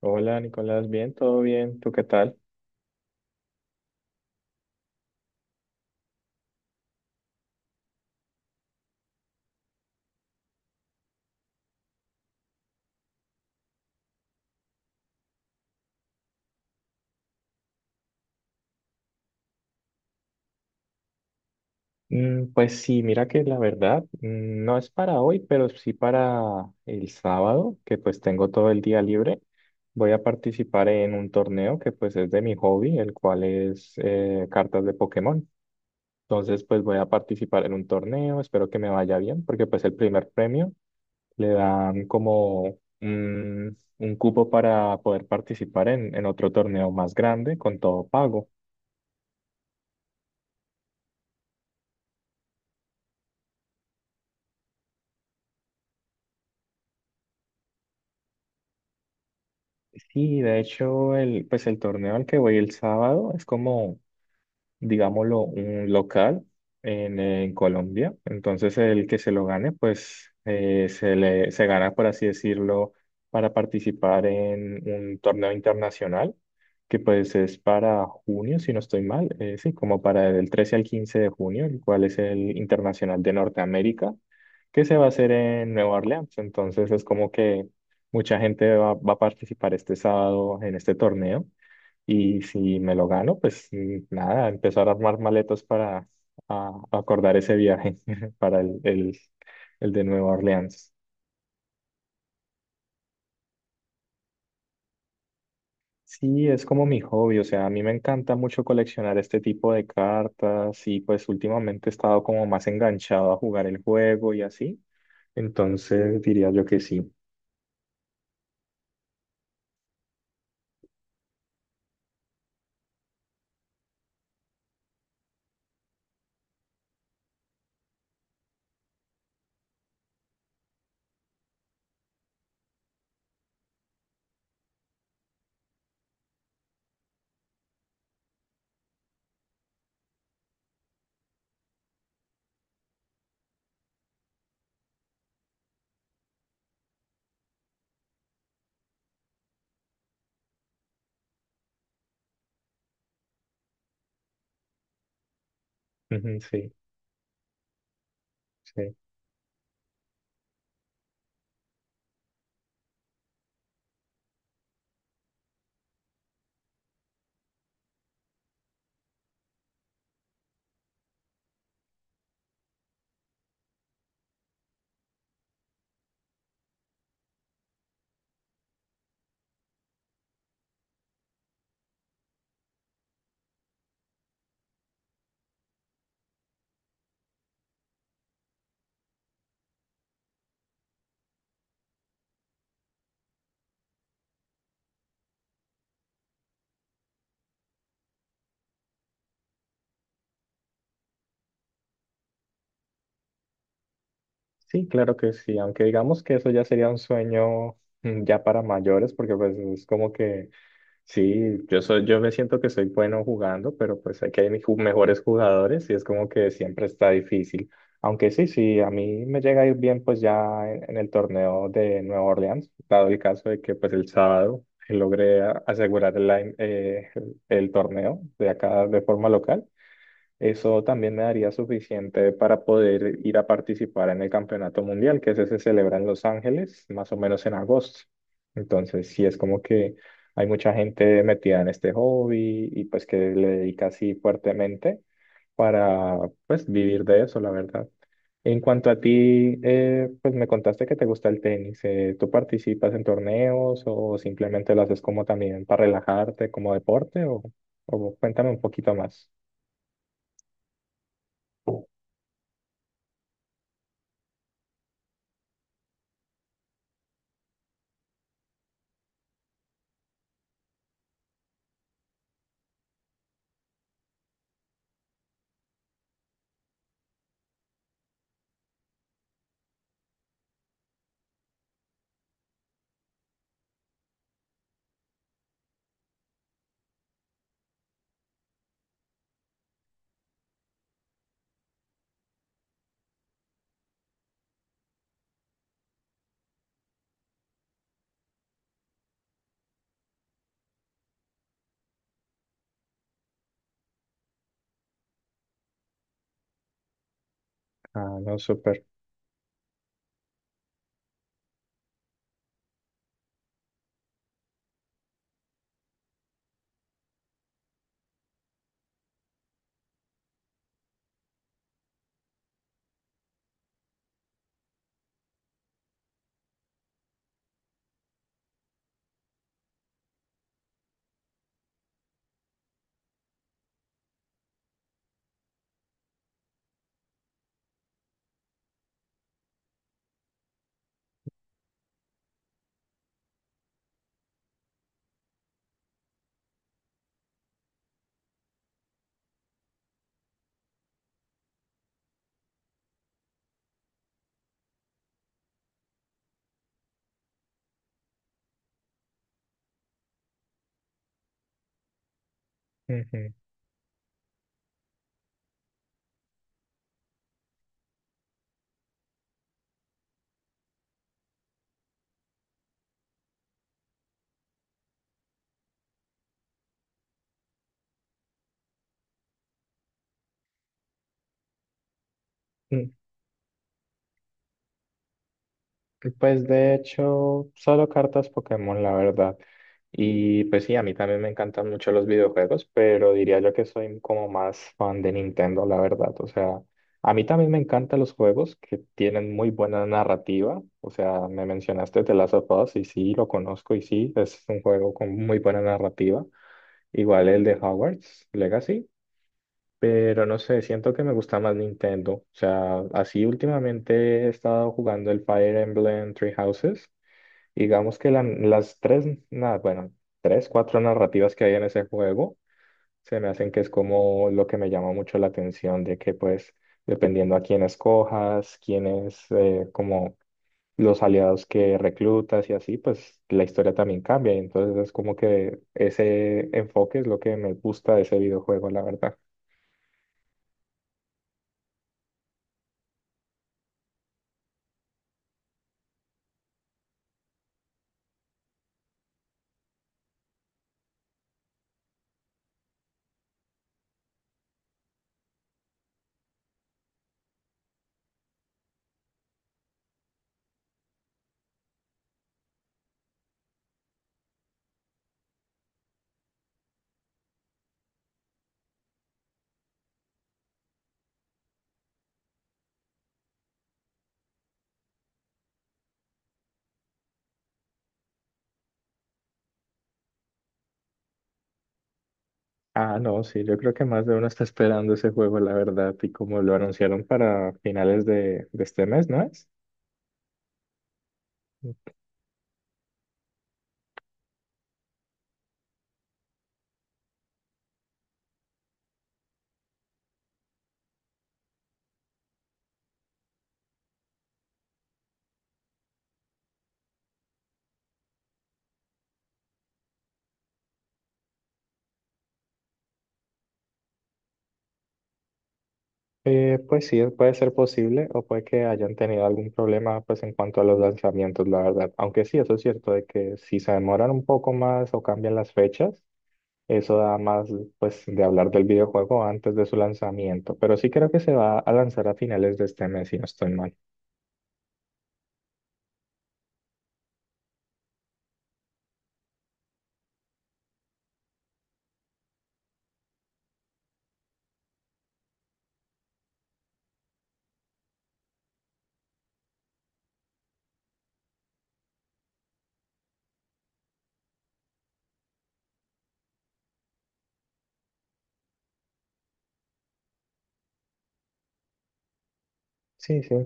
Hola Nicolás, bien, todo bien, ¿tú qué tal? Pues sí, mira que la verdad no es para hoy, pero sí para el sábado, que pues tengo todo el día libre. Voy a participar en un torneo que pues es de mi hobby, el cual es cartas de Pokémon. Entonces pues voy a participar en un torneo, espero que me vaya bien, porque pues el primer premio le dan como un cupo para poder participar en otro torneo más grande con todo pago. Sí, de hecho, pues el torneo al que voy el sábado es como, digámoslo, un local en Colombia. Entonces el que se lo gane, pues se gana, por así decirlo, para participar en un torneo internacional, que pues es para junio, si no estoy mal, sí, como para el 13 al 15 de junio, el cual es el Internacional de Norteamérica, que se va a hacer en Nueva Orleans. Entonces es como que mucha gente va a participar este sábado en este torneo. Y si me lo gano, pues nada, empezar a armar maletas para acordar ese viaje para el de Nueva Orleans. Sí, es como mi hobby, o sea, a mí me encanta mucho coleccionar este tipo de cartas y pues últimamente he estado como más enganchado a jugar el juego y así. Entonces diría yo que sí. Ujú, sí, sí. Sí, claro que sí, aunque digamos que eso ya sería un sueño ya para mayores, porque pues es como que sí, yo me siento que soy bueno jugando, pero pues aquí hay mis mejores jugadores y es como que siempre está difícil. Aunque sí, sí, a mí me llega a ir bien pues ya en el torneo de Nueva Orleans, dado el caso de que pues el sábado logré asegurar el, line- el torneo de acá de forma local. Eso también me daría suficiente para poder ir a participar en el Campeonato Mundial, que ese se celebra en Los Ángeles, más o menos en agosto. Entonces, sí es como que hay mucha gente metida en este hobby y pues que le dedica así fuertemente para pues vivir de eso, la verdad. En cuanto a ti, pues me contaste que te gusta el tenis. ¿Tú participas en torneos o simplemente lo haces como también para relajarte, como deporte? O cuéntame un poquito más. Ah, no, súper. Ujú. Mm, Pues de hecho, solo cartas Pokémon, la verdad. Y pues sí, a mí también me encantan mucho los videojuegos, pero diría yo que soy como más fan de Nintendo, la verdad. O sea, a mí también me encantan los juegos que tienen muy buena narrativa. O sea, me mencionaste The Last of Us y sí, lo conozco y sí, es un juego con muy buena narrativa. Igual el de Hogwarts Legacy. Pero no sé, siento que me gusta más Nintendo. O sea, así últimamente he estado jugando el Fire Emblem Three Houses. Digamos que las tres, nada, bueno, tres, cuatro narrativas que hay en ese juego se me hacen que es como lo que me llama mucho la atención, de que pues dependiendo a quién escojas, quién es como los aliados que reclutas y así, pues la historia también cambia. Y entonces es como que ese enfoque es lo que me gusta de ese videojuego, la verdad. Ah, no, sí, yo creo que más de uno está esperando ese juego, la verdad, y como lo anunciaron para finales de este mes, ¿no es? Pues sí, puede ser posible o puede que hayan tenido algún problema pues en cuanto a los lanzamientos, la verdad. Aunque sí, eso es cierto, de que si se demoran un poco más o cambian las fechas, eso da más pues de hablar del videojuego antes de su lanzamiento. Pero sí creo que se va a lanzar a finales de este mes, si no estoy mal. Sí, sí.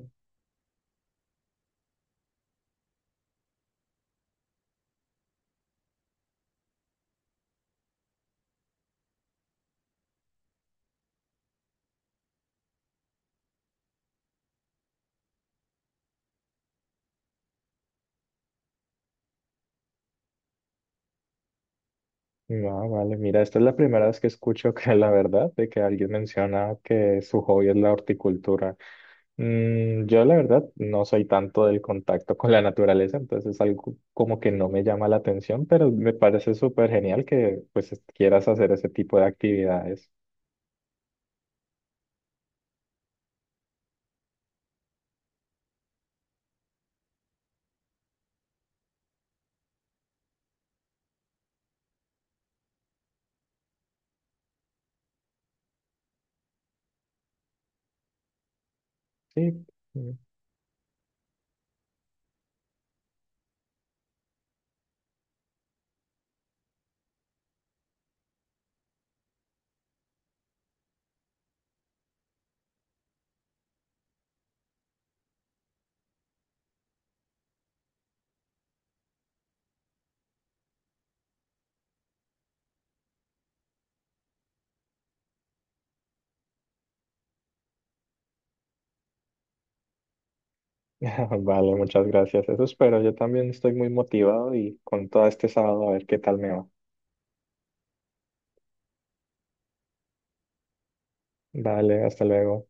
No, vale, mira, esta es la primera vez que escucho que la verdad de que alguien menciona que su hobby es la horticultura. Yo la verdad no soy tanto del contacto con la naturaleza, entonces es algo como que no me llama la atención, pero me parece súper genial que pues quieras hacer ese tipo de actividades. Sí. Mm. Vale, muchas gracias. Eso espero. Yo también estoy muy motivado y con todo este sábado a ver qué tal me va. Vale, hasta luego.